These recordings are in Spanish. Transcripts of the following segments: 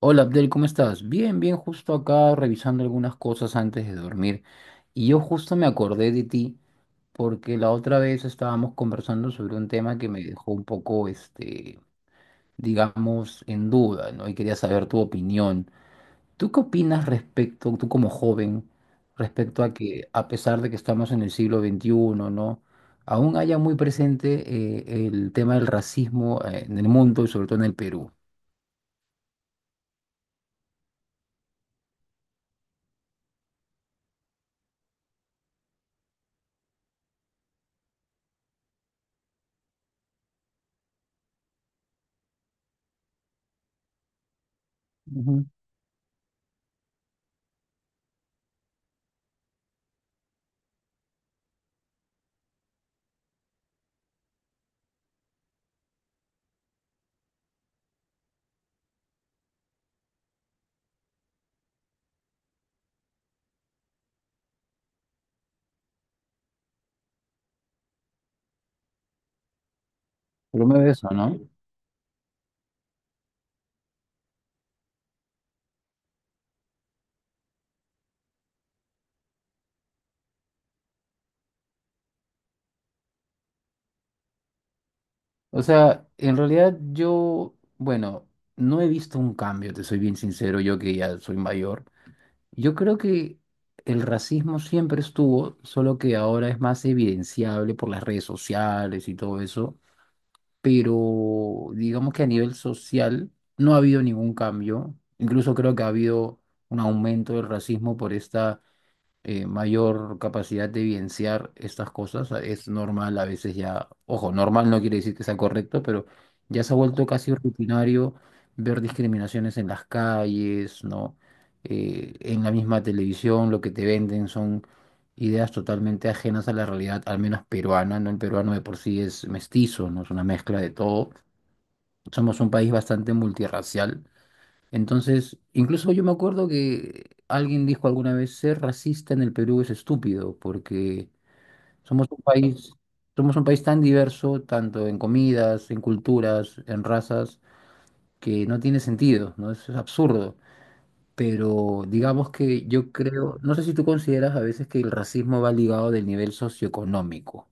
Hola Abdel, ¿cómo estás? Bien, justo acá revisando algunas cosas antes de dormir. Y yo justo me acordé de ti porque la otra vez estábamos conversando sobre un tema que me dejó un poco, digamos, en duda, ¿no? Y quería saber tu opinión. ¿Tú qué opinas respecto, tú como joven, respecto a que a pesar de que estamos en el siglo XXI, ¿no? Aún haya muy presente el tema del racismo en el mundo y sobre todo en el Perú? Ujú. Pero me ves, ¿no? O sea, en realidad yo, bueno, no he visto un cambio, te soy bien sincero, yo que ya soy mayor. Yo creo que el racismo siempre estuvo, solo que ahora es más evidenciable por las redes sociales y todo eso, pero digamos que a nivel social no ha habido ningún cambio. Incluso creo que ha habido un aumento del racismo por esta mayor capacidad de evidenciar estas cosas. Es normal a veces ya, ojo, normal no quiere decir que sea correcto, pero ya se ha vuelto casi rutinario ver discriminaciones en las calles, ¿no? En la misma televisión lo que te venden son ideas totalmente ajenas a la realidad, al menos peruana, ¿no? El peruano de por sí es mestizo, ¿no? Es una mezcla de todo. Somos un país bastante multirracial. Entonces, incluso yo me acuerdo que alguien dijo alguna vez, ser racista en el Perú es estúpido, porque somos un país, somos un país tan diverso, tanto en comidas, en culturas, en razas, que no tiene sentido, ¿no? Eso es absurdo. Pero digamos que yo creo, no sé si tú consideras a veces que el racismo va ligado del nivel socioeconómico.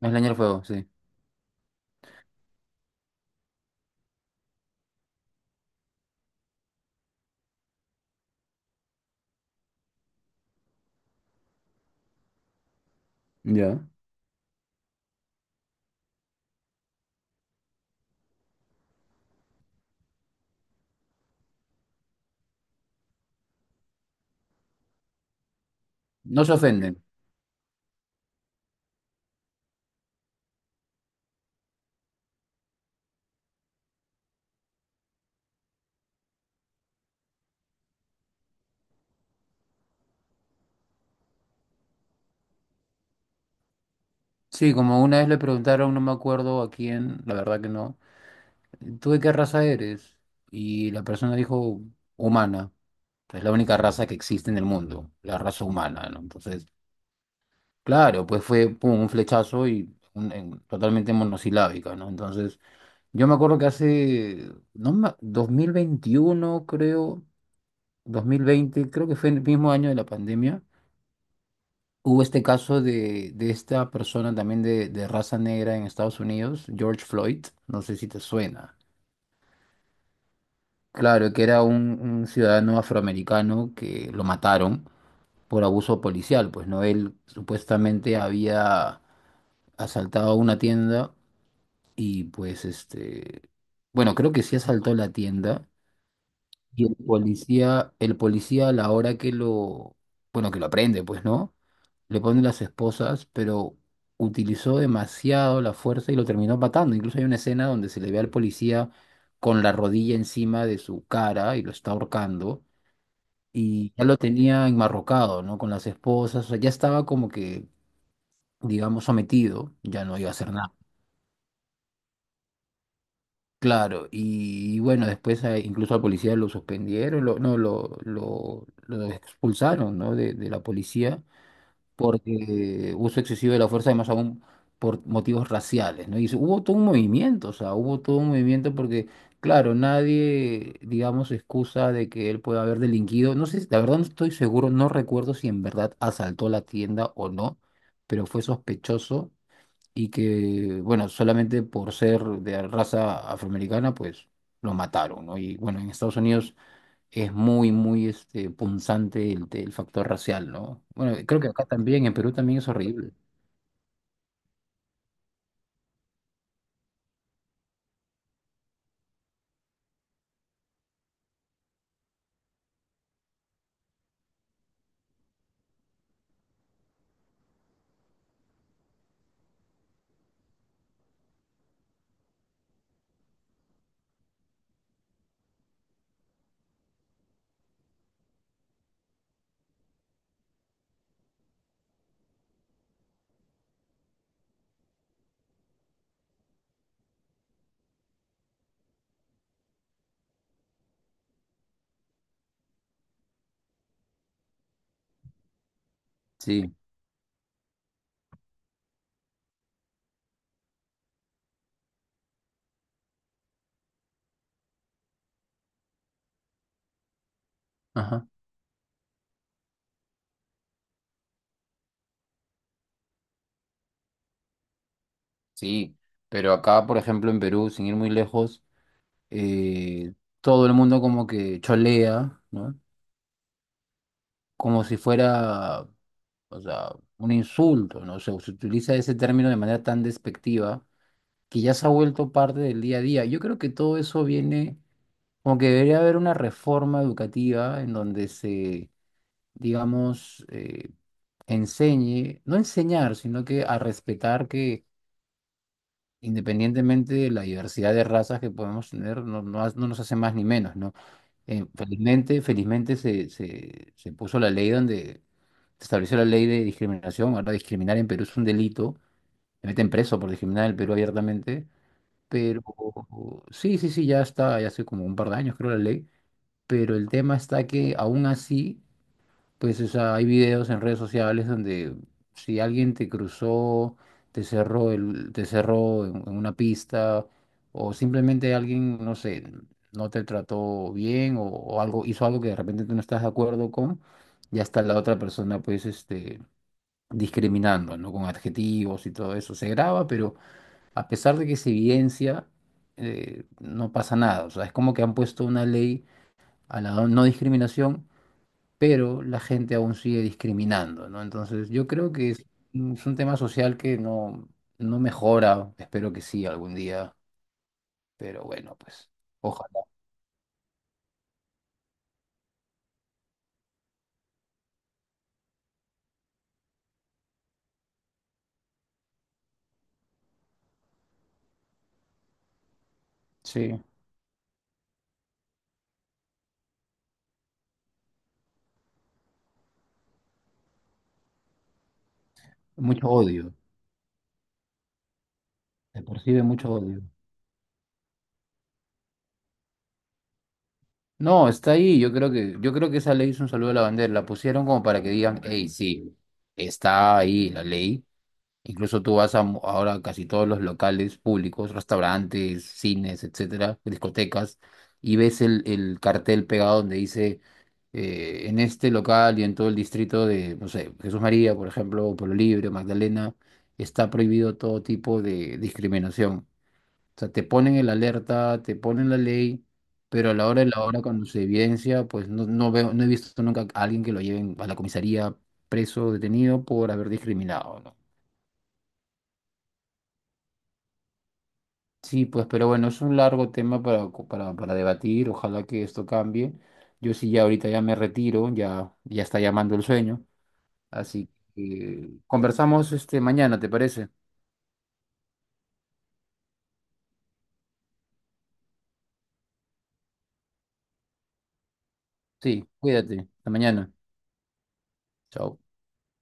Es leña al fuego, sí. Ya. No se ofenden. Sí, como una vez le preguntaron, no me acuerdo a quién, la verdad que no. ¿Tú de qué raza eres? Y la persona dijo, humana. Es la única raza que existe en el mundo, la raza humana, ¿no? Entonces, claro, pues fue pum, un flechazo y totalmente monosilábica, ¿no? Entonces, yo me acuerdo que hace, no, 2021, creo, 2020, creo que fue en el mismo año de la pandemia, hubo este caso de esta persona también de raza negra en Estados Unidos, George Floyd, no sé si te suena. Claro, que era un ciudadano afroamericano que lo mataron por abuso policial, pues no, él supuestamente había asaltado una tienda y pues bueno, creo que sí asaltó la tienda y el policía a la hora que bueno, que lo aprende, pues no, le pone las esposas, pero utilizó demasiado la fuerza y lo terminó matando. Incluso hay una escena donde se le ve al policía con la rodilla encima de su cara y lo está ahorcando y ya lo tenía enmarrocado, ¿no? Con las esposas, o sea, ya estaba como que, digamos, sometido, ya no iba a hacer nada. Claro, y bueno, después incluso al policía lo suspendieron, lo expulsaron, ¿no? De la policía por uso excesivo de la fuerza, y más aún por motivos raciales, ¿no? Y hubo todo un movimiento, o sea, hubo todo un movimiento porque, claro, nadie, digamos, excusa de que él pueda haber delinquido. No sé, la verdad no estoy seguro, no recuerdo si en verdad asaltó la tienda o no, pero fue sospechoso y que, bueno, solamente por ser de raza afroamericana, pues lo mataron, ¿no? Y bueno, en Estados Unidos es muy este, punzante el factor racial, ¿no? Bueno, creo que acá también, en Perú también es horrible. Sí, ajá, sí. Pero acá, por ejemplo, en Perú, sin ir muy lejos, eh, todo el mundo como que cholea, ¿no? Como si fuera, o sea, un insulto, ¿no? O sea, se utiliza ese término de manera tan despectiva que ya se ha vuelto parte del día a día. Yo creo que todo eso viene, como que debería haber una reforma educativa en donde se digamos, enseñe, no enseñar, sino que a respetar que independientemente de la diversidad de razas que podemos tener, no nos hace más ni menos, ¿no? Felizmente se puso la ley donde se estableció la ley de discriminación. Ahora discriminar en Perú es un delito. Me meten preso por discriminar en el Perú abiertamente. Pero sí, ya está, ya hace como un par de años creo la ley. Pero el tema está que aún así pues o sea, hay videos en redes sociales donde si alguien te cruzó, te cerró en una pista, o simplemente alguien, no sé, no te trató bien, o algo, hizo algo que de repente tú no estás de acuerdo con, ya está la otra persona pues discriminando, ¿no? Con adjetivos y todo eso. Se graba, pero a pesar de que se evidencia, no pasa nada. O sea, es como que han puesto una ley a la no discriminación pero la gente aún sigue discriminando, ¿no? Entonces, yo creo es un tema social que no, no mejora, espero que sí algún día, pero bueno, pues ojalá. Sí, mucho odio, se percibe mucho odio. No, está ahí, yo creo que esa ley es un saludo a la bandera, la pusieron como para que digan, hey, sí, está ahí la ley. Incluso tú vas a ahora casi todos los locales públicos, restaurantes, cines, etcétera, discotecas, y ves el cartel pegado donde dice en este local y en todo el distrito de, no sé, Jesús María, por ejemplo, o Pueblo Libre, Magdalena, está prohibido todo tipo de discriminación. O sea, te ponen el alerta, te ponen la ley, pero a la hora de la hora, cuando se evidencia, pues no, no veo, no he visto nunca a alguien que lo lleven a la comisaría preso o detenido por haber discriminado, ¿no? Sí, pues, pero bueno, es un largo tema para, para debatir. Ojalá que esto cambie. Yo sí ya ahorita ya me retiro, ya está llamando el sueño. Así que conversamos este mañana, ¿te parece? Sí, cuídate. Hasta mañana. Chao.